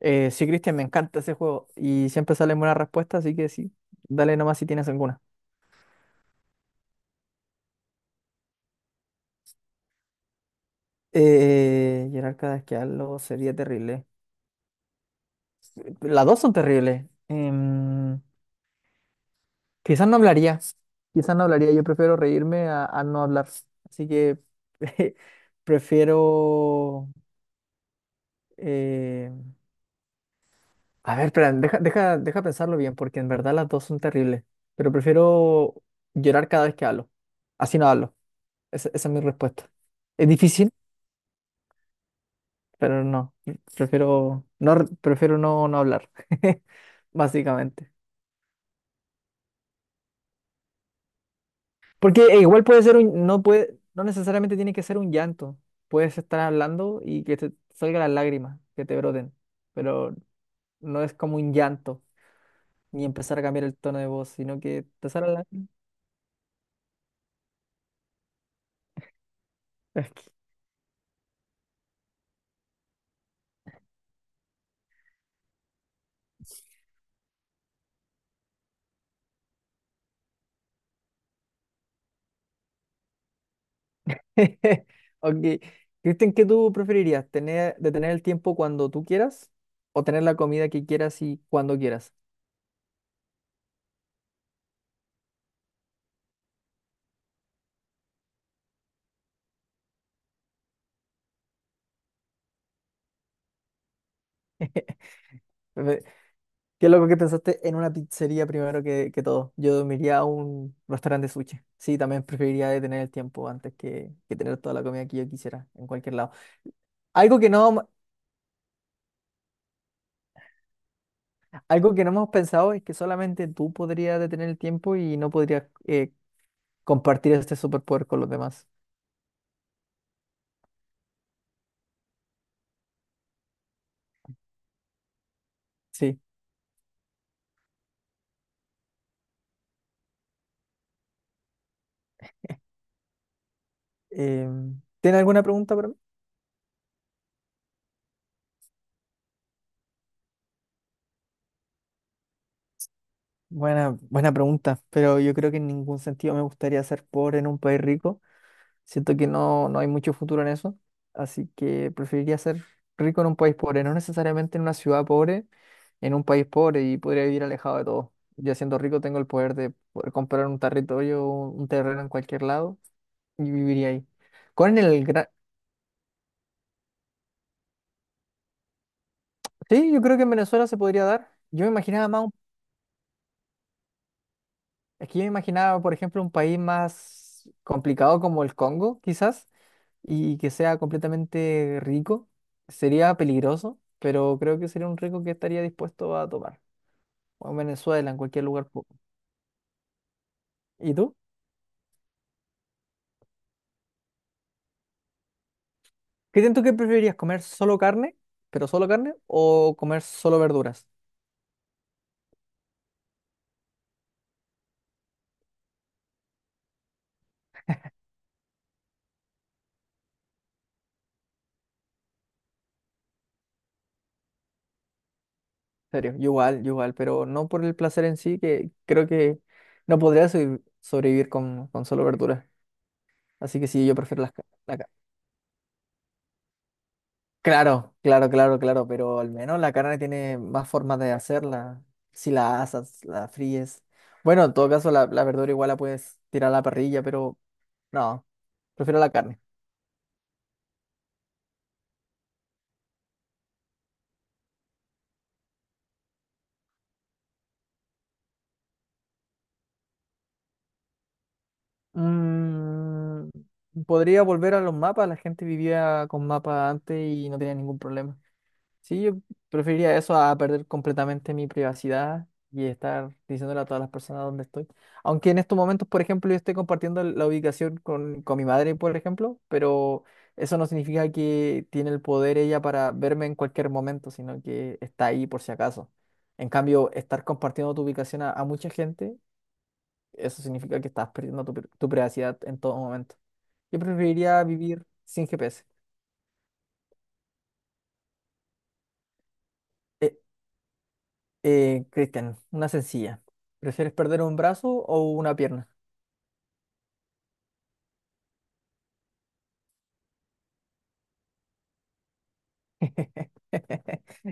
Sí, Cristian, me encanta ese juego y siempre salen buenas respuestas, así que sí, dale nomás si tienes alguna. Gerard Carrasquealo sería terrible. Las dos son terribles. Quizás no hablaría, quizás no hablaría, yo prefiero reírme a no hablar. Así que prefiero... eh, A ver, espera, deja pensarlo bien, porque en verdad las dos son terribles, pero prefiero llorar cada vez que hablo. Así no hablo. Esa es mi respuesta. Es difícil. Pero no, prefiero no, no hablar, básicamente. Porque igual puede ser un, no puede, no necesariamente tiene que ser un llanto. Puedes estar hablando y que te salgan las lágrimas, que te broten, pero no es como un llanto, ni empezar a cambiar el tono de voz, sino que te salgan las lágrimas. Es que- Ok. Cristian, ¿qué tú preferirías? ¿Tener, detener el tiempo cuando tú quieras o tener la comida que quieras y cuando quieras? Qué loco que pensaste en una pizzería primero que todo. Yo dormiría a un restaurante de sushi. Sí, también preferiría detener el tiempo antes que tener toda la comida que yo quisiera en cualquier lado. Algo que no, algo que no hemos pensado es que solamente tú podrías detener el tiempo y no podrías compartir este superpoder con los demás. Sí. ¿Tiene alguna pregunta para mí? Buena pregunta, pero yo creo que en ningún sentido me gustaría ser pobre en un país rico. Siento que no, no hay mucho futuro en eso, así que preferiría ser rico en un país pobre, no necesariamente en una ciudad pobre, en un país pobre y podría vivir alejado de todo. Ya siendo rico tengo el poder de poder comprar un territorio, un terreno en cualquier lado y viviría ahí. Con el gran... Sí, yo creo que en Venezuela se podría dar. Yo me imaginaba más, un- es que yo me imaginaba, por ejemplo, un país más complicado como el Congo, quizás y que sea completamente rico. Sería peligroso, pero creo que sería un rico que estaría dispuesto a tomar. O en Venezuela, en cualquier lugar. Po- ¿Y tú? ¿Qué siento que preferirías? ¿Comer solo carne, pero solo carne? ¿O comer solo verduras? En serio, yo igual, pero no por el placer en sí, que creo que no podría sobrevivir con solo verduras. Así que sí, yo prefiero las, carnes. Claro, pero al menos la carne tiene más formas de hacerla. Si la asas, la fríes. Bueno, en todo caso, la verdura igual la puedes tirar a la parrilla, pero no, prefiero la carne. Mm, podría volver a los mapas, la gente vivía con mapas antes y no tenía ningún problema. Sí, yo preferiría eso a perder completamente mi privacidad y estar diciéndole a todas las personas dónde estoy. Aunque en estos momentos, por ejemplo, yo esté compartiendo la ubicación con mi madre, por ejemplo, pero eso no significa que tiene el poder ella para verme en cualquier momento, sino que está ahí por si acaso. En cambio, estar compartiendo tu ubicación a mucha gente, eso significa que estás perdiendo tu privacidad en todo momento. Yo preferiría vivir sin GPS. Cristian, una sencilla. ¿Prefieres perder un brazo o una pierna?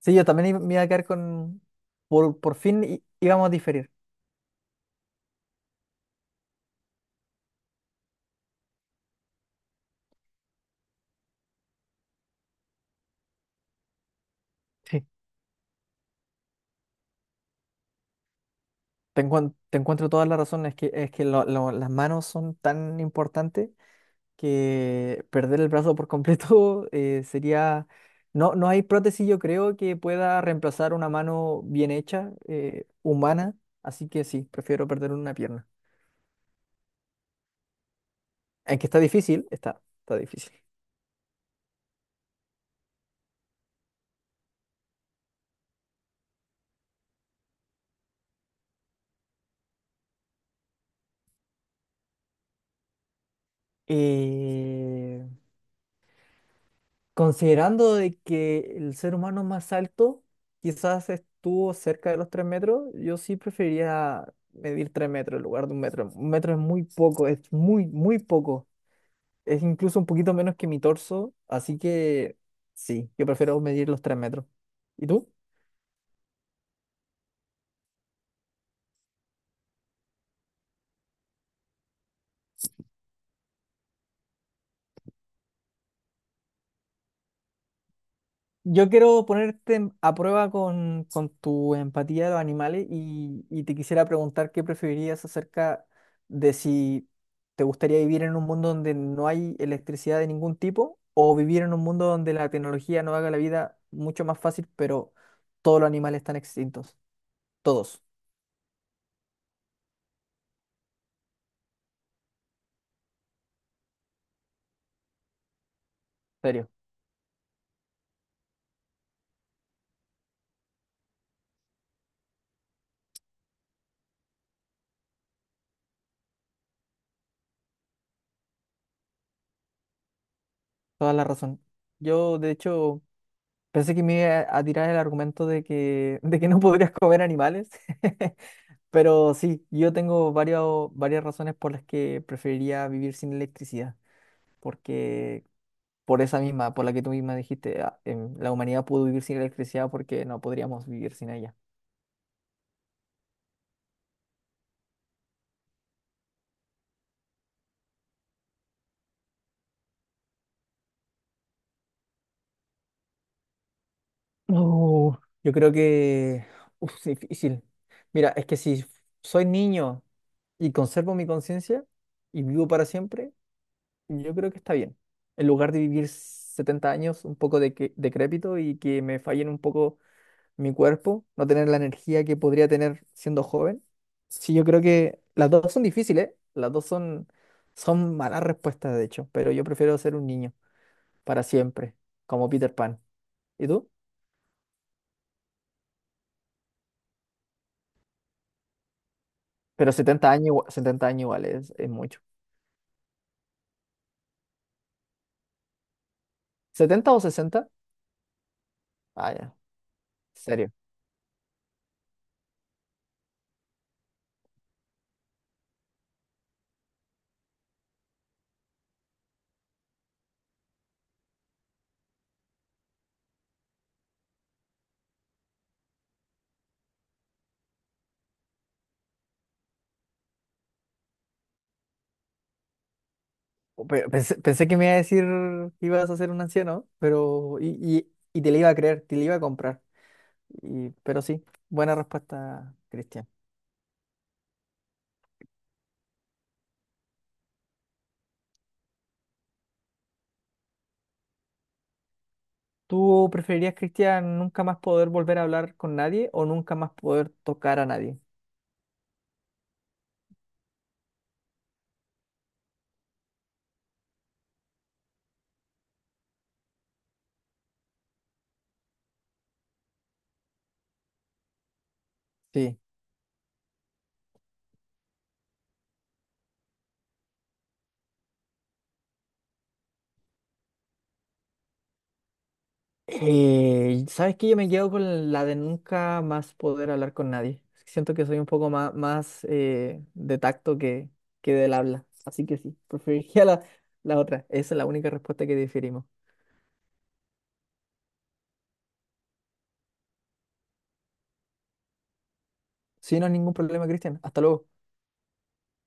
Sí, yo también iba- me iba a quedar con... por fin í- íbamos a diferir. Sí. Te encuentro todas las razones. Es que las manos son tan importantes que perder el brazo por completo sería... No, no hay prótesis, yo creo, que pueda reemplazar una mano bien hecha, humana. Así que sí, prefiero perder una pierna. Aunque está difícil, está difícil. Eh, considerando de que el ser humano más alto quizás estuvo cerca de los 3 metros, yo sí preferiría medir 3 metros en lugar de un metro. Un metro es muy poco, es muy, muy poco. Es incluso un poquito menos que mi torso, así que sí, yo prefiero medir los 3 metros. ¿Y tú? Yo quiero ponerte en- a prueba con tu empatía de los animales y te quisiera preguntar qué preferirías acerca de si te gustaría vivir en un mundo donde no hay electricidad de ningún tipo o vivir en un mundo donde la tecnología no haga la vida mucho más fácil, pero todos los animales están extintos. Todos, serio, toda la razón. Yo, de hecho, pensé que me iba a tirar el argumento de que no podrías comer animales. Pero sí, yo tengo varias razones por las que preferiría vivir sin electricidad, porque por esa misma, por la que tú misma dijiste, la humanidad pudo vivir sin electricidad porque no podríamos vivir sin ella. Oh, yo creo que uf, es difícil. Mira, es que si soy niño y conservo mi conciencia y vivo para siempre, yo creo que está bien. En lugar de vivir 70 años un poco de decrépito y que me fallen un poco mi cuerpo, no tener la energía que podría tener siendo joven. Sí, yo creo que las dos son difíciles, ¿eh? Son malas respuestas, de hecho, pero yo prefiero ser un niño para siempre, como Peter Pan. ¿Y tú? Pero setenta años, setenta años igual es mucho. ¿setenta o sesenta? Ah, ya, serio. Oh, pensé, pensé que me iba a decir que ibas a ser un anciano, pero y te le iba a creer, te le iba a comprar. Y, pero sí, buena respuesta, Cristian. ¿Tú preferirías, Cristian, nunca más poder volver a hablar con nadie o nunca más poder tocar a nadie? Sí. ¿Sabes qué? Yo me quedo con la de nunca más poder hablar con nadie. Siento que soy un poco más, más de tacto que del habla. Así que sí, preferiría la otra. Esa es la única respuesta que diferimos. Sí, no es ningún problema, Cristian. Hasta luego.